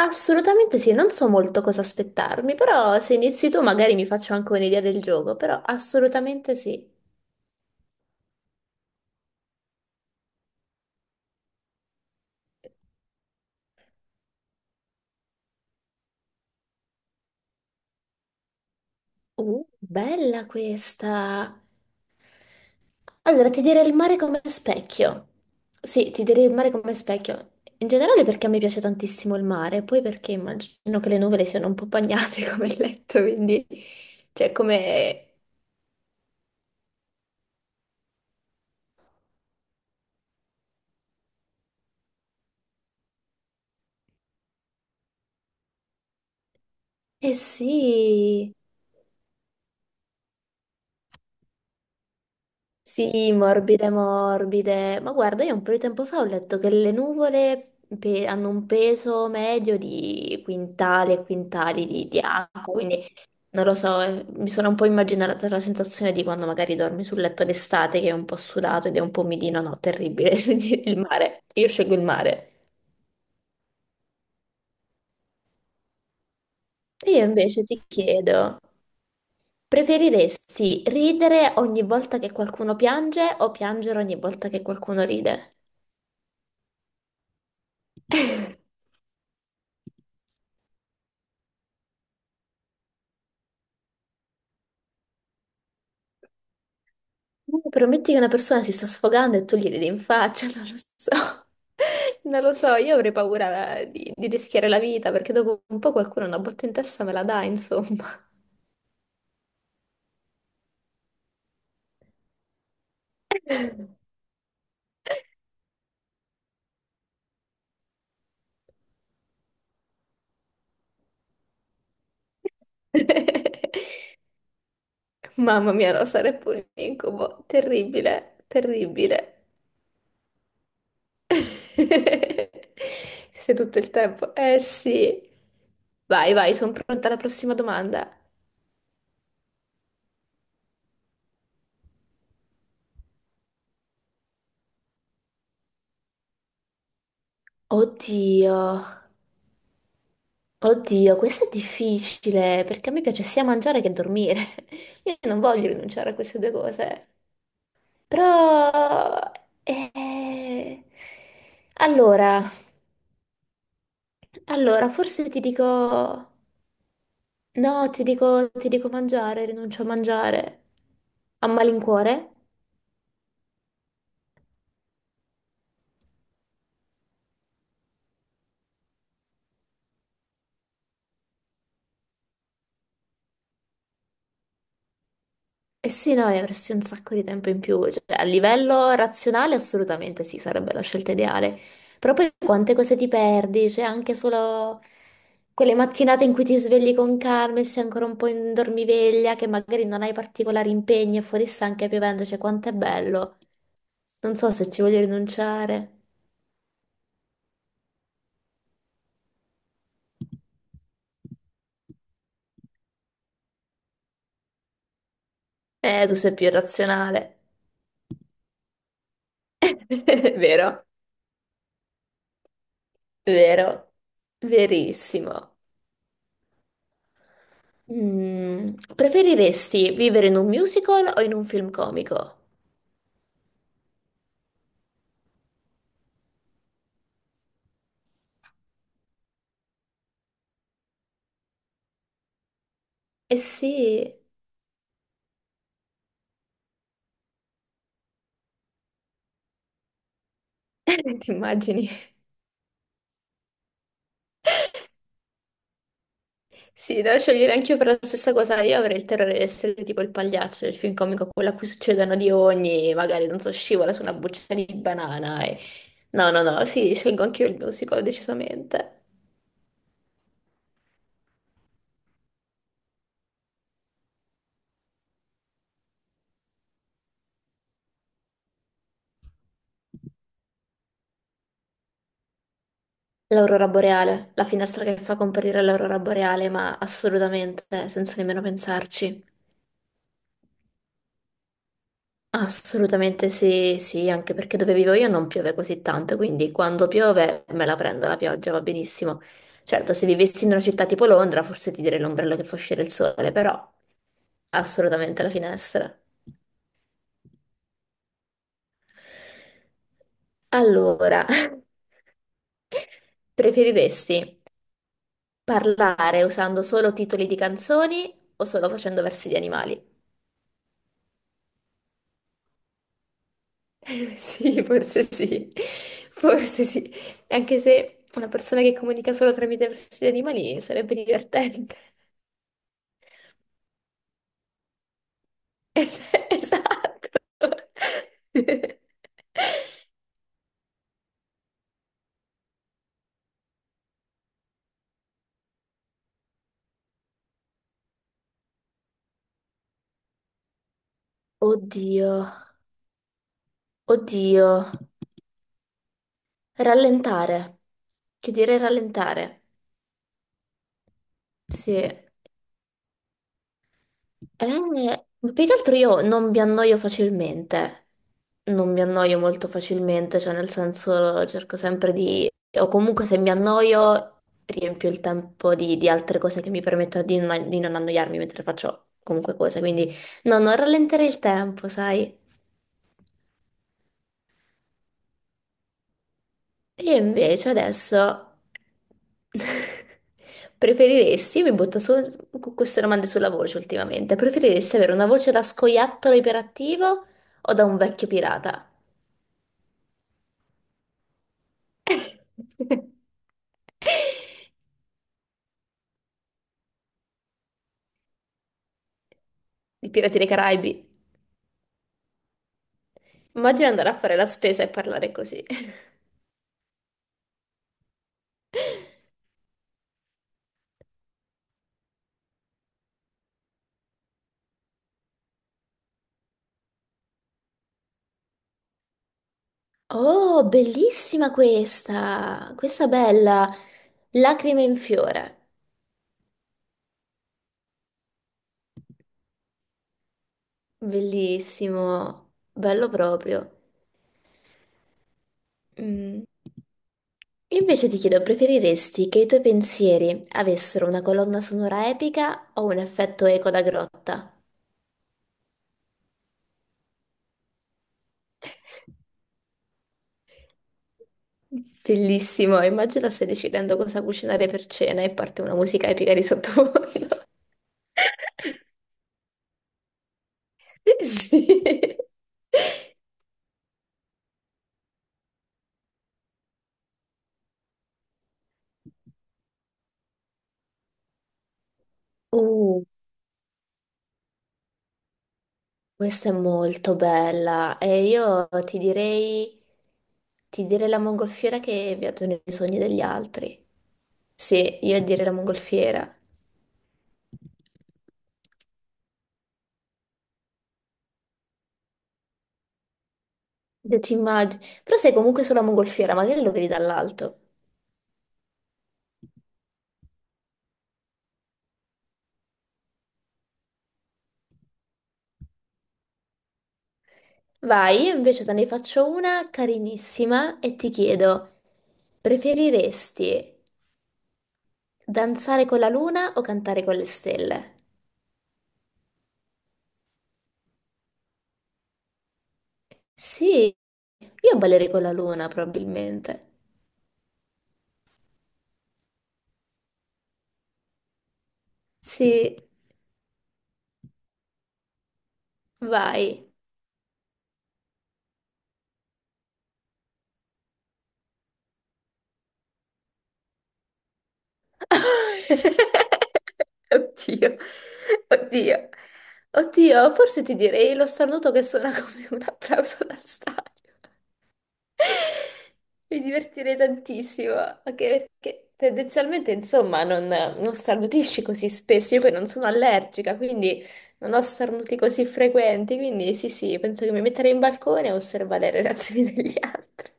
Assolutamente sì, non so molto cosa aspettarmi, però se inizi tu magari mi faccio anche un'idea del gioco, però assolutamente sì. Bella questa. Allora, ti direi il mare come specchio. Sì, ti direi il mare come specchio. In generale perché a me piace tantissimo il mare, poi perché immagino che le nuvole siano un po' bagnate come il letto, quindi... Cioè, come... Eh sì, sì, morbide, morbide. Ma guarda, io un po' di tempo fa ho letto che le nuvole hanno un peso medio di quintali e quintali di acqua, quindi non lo so, mi sono un po' immaginata la sensazione di quando magari dormi sul letto d'estate che è un po' sudato ed è un po' umidino, no, terribile, il mare. Io scelgo il mare. E io invece ti chiedo, preferiresti ridere ogni volta che qualcuno piange o piangere ogni volta che qualcuno ride? No, prometti che una persona si sta sfogando e tu gli ridi in faccia, non lo so. Non lo so, io avrei paura di rischiare la vita perché dopo un po' qualcuno una botta in testa me la dà, insomma. Mamma mia, no, sarei pure un incubo. Terribile, terribile. Sei tutto il tempo. Eh sì. Vai, vai, sono pronta alla prossima domanda. Oddio. Oddio, questo è difficile perché a me piace sia mangiare che dormire. Io non voglio rinunciare a queste due cose. Però... eh, allora, allora, forse ti dico... No, ti dico mangiare, rinuncio a mangiare. A malincuore? Eh sì, no, e avresti un sacco di tempo in più, cioè, a livello razionale assolutamente sì, sarebbe la scelta ideale, però poi quante cose ti perdi, c'è anche solo quelle mattinate in cui ti svegli con calma e sei ancora un po' in dormiveglia, che magari non hai particolari impegni e fuori sta anche piovendo, cioè quanto è bello, non so se ci voglio rinunciare. Tu sei più razionale, vero, vero, verissimo. Mm, preferiresti vivere in un musical o in un film comico? Eh sì, ti immagini? Sì, devo scegliere anch'io per la stessa cosa. Io avrei il terrore di essere tipo il pagliaccio del film comico, quello a cui succedono di ogni, magari non so, scivola su una buccia di banana. No, no, no, sì, scelgo anch'io il musical, decisamente. L'aurora boreale, la finestra che fa comparire l'aurora boreale, ma assolutamente, senza nemmeno pensarci. Assolutamente sì, sì, anche perché dove vivo io non piove così tanto, quindi quando piove me la prendo la pioggia, va benissimo. Certo, se vivessi in una città tipo Londra, forse ti direi l'ombrello che fa uscire il sole, però assolutamente la finestra. Allora, preferiresti parlare usando solo titoli di canzoni o solo facendo versi di animali? Sì, forse sì, forse sì, anche se una persona che comunica solo tramite versi di animali sarebbe divertente. Es- Esatto. Oddio, oddio. Rallentare. Che dire rallentare? Sì. Eh, ma più che altro io non mi annoio facilmente, non mi annoio molto facilmente, cioè nel senso cerco sempre di, o comunque se mi annoio riempio il tempo di altre cose che mi permettono di, di non annoiarmi mentre faccio comunque cose, quindi no, non rallenterei il tempo, sai? Io invece adesso preferiresti, mi butto solo con queste domande sulla voce ultimamente, preferiresti avere una voce da scoiattolo iperattivo o da un vecchio pirata? I Pirati dei Caraibi. Immagina andare a fare la spesa e parlare così. Oh, bellissima questa! Questa bella! Lacrime in fiore. Bellissimo, bello proprio. Mm. Io invece ti chiedo, preferiresti che i tuoi pensieri avessero una colonna sonora epica o un effetto eco da grotta? Bellissimo, immagina stai decidendo cosa cucinare per cena e parte una musica epica di sottofondo. Sì. Uh, questa è molto bella e io ti direi la mongolfiera che viaggia nei sogni degli altri. Sì, io direi la mongolfiera. Io ti immagino. Però sei comunque sulla mongolfiera, magari lo vedi dall'alto. Vai, io invece te ne faccio una carinissima e ti chiedo, preferiresti danzare con la luna o cantare con le stelle? Sì, io ballerei con la luna probabilmente. Sì, vai. Oddio, oddio, oddio, forse ti direi lo saluto che suona come un applauso da stadio. Mi divertirei tantissimo, anche perché tendenzialmente, insomma, non, non starnutisci così spesso. Io poi non sono allergica, quindi non ho starnuti così frequenti. Quindi sì, sì, penso che mi metterei in balcone a osservare le reazioni degli altri.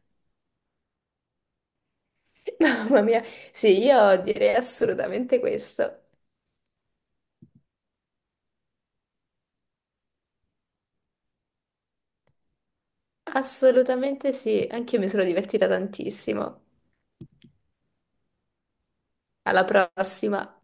Mamma mia, sì, io direi assolutamente questo. Assolutamente sì, anche io mi sono divertita tantissimo. Alla prossima.